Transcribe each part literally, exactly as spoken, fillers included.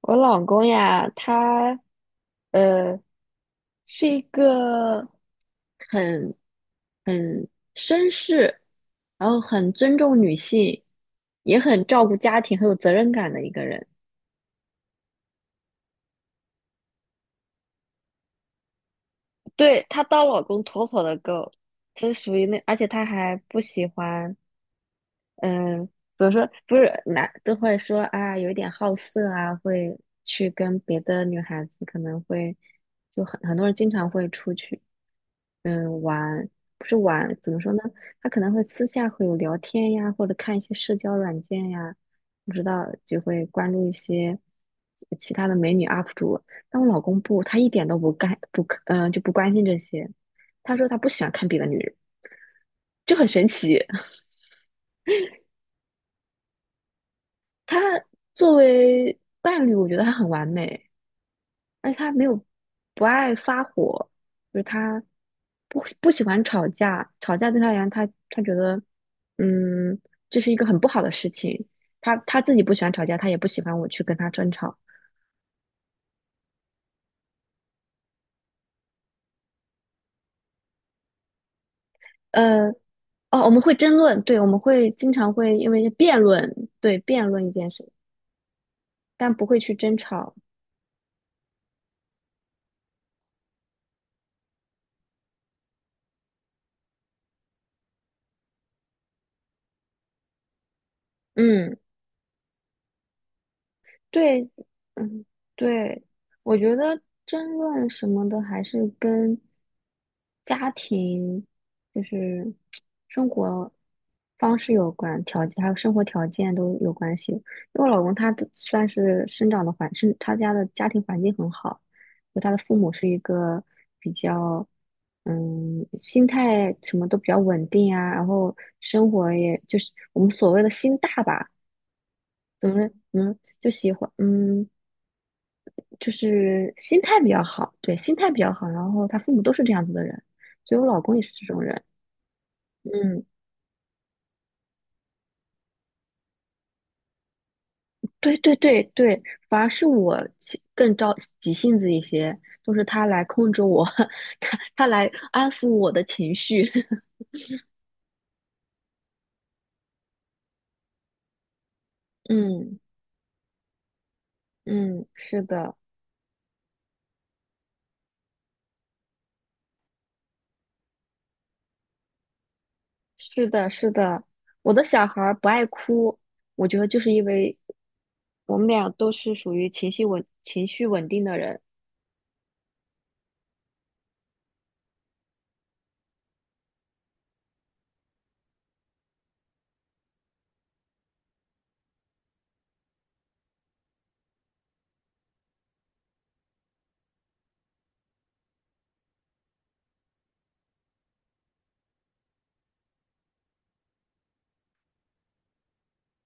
我老公呀，他呃是一个很很绅士，然后很尊重女性，也很照顾家庭，很有责任感的一个人。对，他当老公妥妥的够，就是属于那，而且他还不喜欢。嗯，怎么说？不是男都会说啊，有一点好色啊，会去跟别的女孩子可能会，就很很多人经常会出去。嗯，玩，不是玩，怎么说呢？他可能会私下会有聊天呀，或者看一些社交软件呀，不知道就会关注一些其他的美女 U P 主。但我老公不，他一点都不干，不，嗯、就不关心这些。他说他不喜欢看别的女人，就很神奇。他作为伴侣，我觉得他很完美。而且他没有不爱发火，就是他不不喜欢吵架，吵架对他而言，他他觉得，嗯，这是一个很不好的事情。他他自己不喜欢吵架，他也不喜欢我去跟他争吵。呃，哦，我们会争论，对，我们会经常会因为辩论，对，辩论一件事，但不会去争吵。嗯。对，嗯，对，我觉得争论什么的还是跟家庭，就是生活方式有关，条件还有生活条件都有关系。因为我老公他的算是生长的环，是他家的家庭环境很好，就他的父母是一个比较，嗯，心态什么都比较稳定啊，然后生活也就是我们所谓的心大吧。怎么怎么就喜欢，嗯，就是心态比较好，对，心态比较好。然后他父母都是这样子的人，所以我老公也是这种人。嗯，对对对对，反而是我其更着急性子一些，都是他来控制我，他他来安抚我的情绪。嗯嗯，是的，是的，是的。我的小孩儿不爱哭，我觉得就是因为我们俩都是属于情绪稳情绪稳定的人。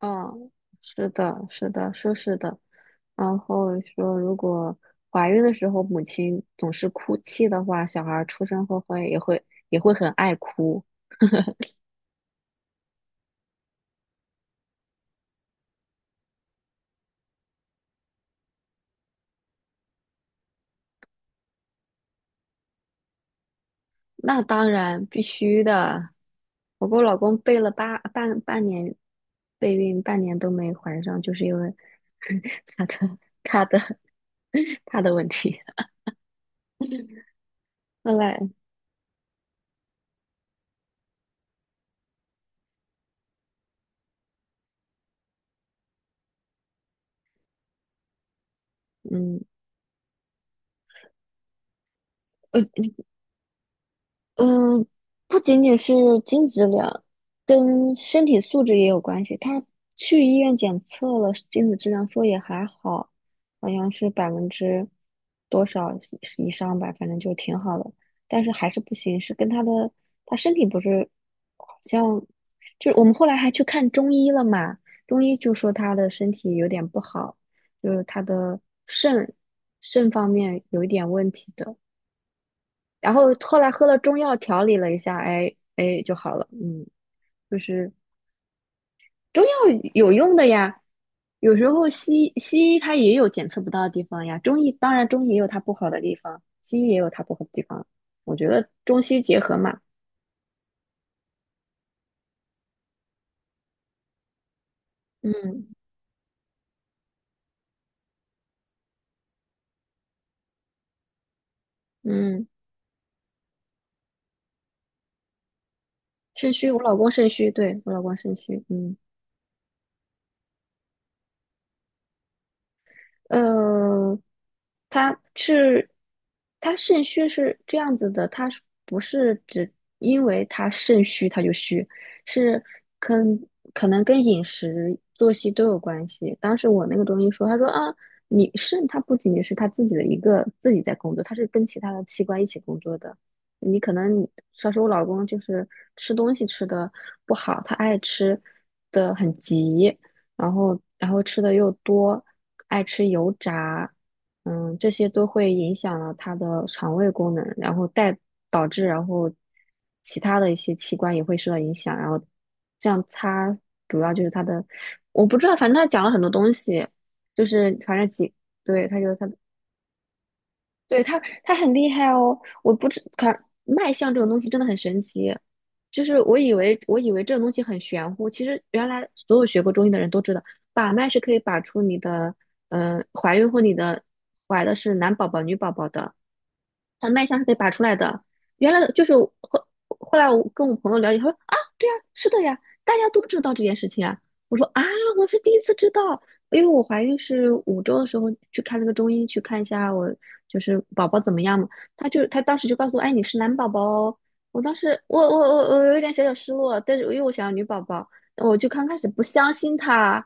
嗯，是的，是的，说是的。然后说，如果怀孕的时候母亲总是哭泣的话，小孩儿出生后会也会也会很爱哭。那当然必须的。我跟我老公备了八半半年备孕，半年都没怀上，就是因为 他的他的 他的问题。后来，嗯。嗯，呃不仅仅是精子质量，跟身体素质也有关系。他去医院检测了精子质量，说也还好，好像是百分之多少以上吧，反正就挺好的。但是还是不行，是跟他的他身体不是，好像就是我们后来还去看中医了嘛，中医就说他的身体有点不好，就是他的肾肾方面有一点问题的。然后后来喝了中药调理了一下，哎哎就好了。嗯，就是中药有用的呀，有时候西西医它也有检测不到的地方呀，中医当然中医也有它不好的地方，西医也有它不好的地方。我觉得中西结合嘛，嗯嗯，肾虚，我老公肾虚，对，我老公肾虚，嗯。呃，他是他肾虚是这样子的，他不是只因为他肾虚他就虚，是跟可能跟饮食、作息都有关系。当时我那个中医说，他说啊，你肾它不仅仅是它自己的一个自己在工作，它是跟其他的器官一起工作的。你可能你，像是我老公就是吃东西吃的不好，他爱吃的很急，然后然后吃的又多，爱吃油炸，嗯，这些都会影响了他的肠胃功能，然后带导致然后其他的一些器官也会受到影响，然后这样他主要就是他的，我不知道，反正他讲了很多东西，就是反正几，对，他就他对他，他很厉害哦。我不知看脉象这种东西真的很神奇，就是我以为我以为这种东西很玄乎，其实原来所有学过中医的人都知道，把脉是可以把出你的，嗯、怀孕或你的怀的是男宝宝、女宝宝的，他脉象是可以把出来的。原来的就是我后后来我跟我朋友了解，他说啊，对呀、是的呀，大家都不知道这件事情啊。我说啊，我是第一次知道。因为我怀孕是五周的时候去看那个中医，去看一下我就是宝宝怎么样嘛。他就他当时就告诉我，哎，你是男宝宝哦。我当时我我我我有点小小失落，但是因为我想要女宝宝，我就刚开始不相信他，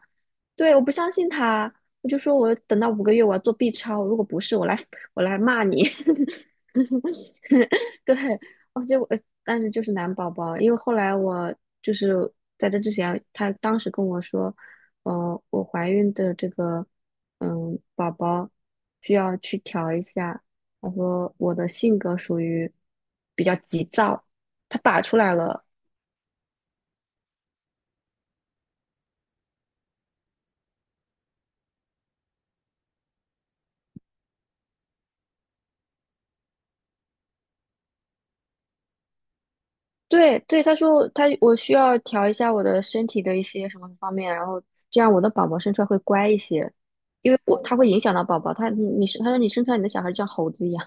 对，我不相信他，我就说我等到五个月我要做 B 超，如果不是我来我来骂你。对，哦，结我，但是就是男宝宝，因为后来我就是在这之前，他当时跟我说，呃，我怀孕的这个嗯宝宝需要去调一下，他说我的性格属于比较急躁，他把出来了。对对，他说他我需要调一下我的身体的一些什么方面，然后这样我的宝宝生出来会乖一些，因为我他会影响到宝宝，他你是他说你生出来你的小孩就像猴子一样。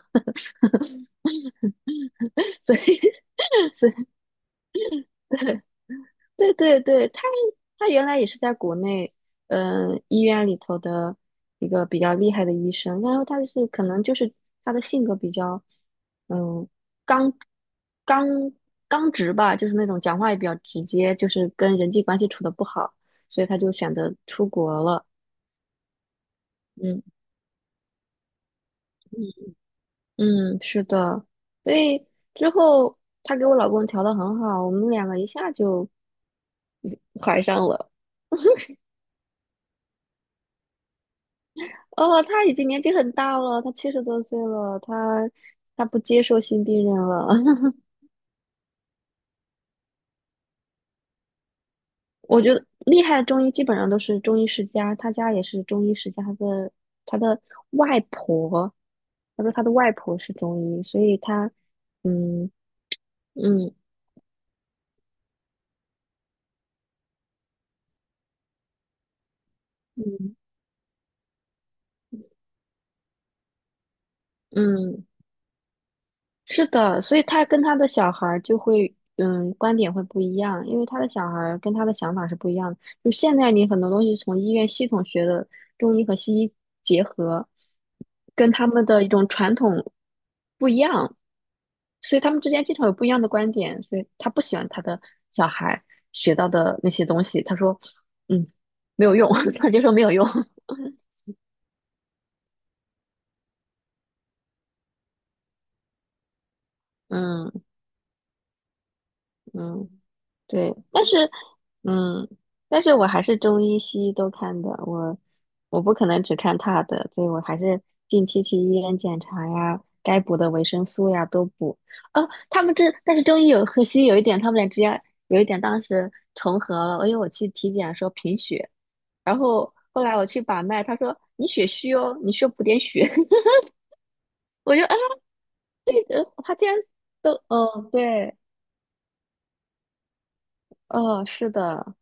所以 对对对，他他原来也是在国内，嗯，医院里头的一个比较厉害的医生，然后他是可能就是他的性格比较，嗯，刚刚刚直吧，就是那种讲话也比较直接，就是跟人际关系处的不好，所以他就选择出国了。嗯嗯，是的，所以之后他给我老公调的很好，我们两个一下就怀上了。哦，他已经年纪很大了，他七十多岁了，他他不接受新病人了。我觉得厉害的中医基本上都是中医世家，他家也是中医世家，他的他的外婆，他说他的外婆是中医，所以他嗯嗯嗯嗯，是的，所以他跟他的小孩儿就会，嗯，观点会不一样，因为他的小孩儿跟他的想法是不一样的。就现在你很多东西从医院系统学的中医和西医结合，跟他们的一种传统不一样，所以他们之间经常有不一样的观点，所以他不喜欢他的小孩学到的那些东西，他说，嗯，没有用，他就说没有用，嗯嗯。对，但是，嗯，但是我还是中医西医都看的，我我不可能只看他的，所以我还是定期去医院检查呀，该补的维生素呀都补。哦，他们这，但是中医有和 西医有一点，他们俩之间有一点当时重合了，因为我去体检说贫血，然后后来我去把脉，他说你血虚哦，你需要补点血，我就啊，对的，他竟然都，哦，对，哦，是的，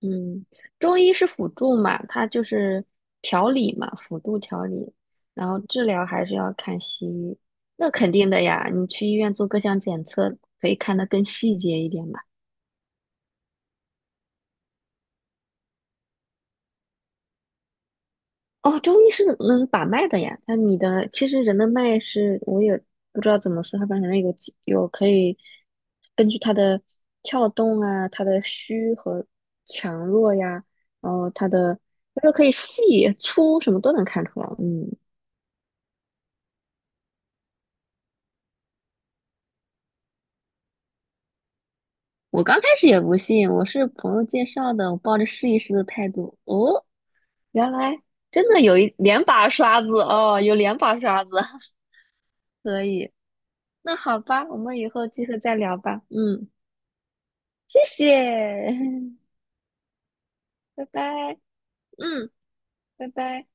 嗯，中医是辅助嘛，它就是调理嘛，辅助调理，然后治疗还是要看西医。那肯定的呀，你去医院做各项检测，可以看得更细节一点嘛。哦，中医是能把脉的呀，那你的其实人的脉是，我也不知道怎么说，它反正有几有可以根据它的跳动啊，它的虚和强弱呀，然后它的就是可以细粗什么都能看出来，嗯。我刚开始也不信，我是朋友介绍的，我抱着试一试的态度。哦，原来真的有一两把刷子哦，有两把刷子，可以。那好吧，我们以后机会再聊吧。嗯，谢谢，拜拜。嗯，拜拜。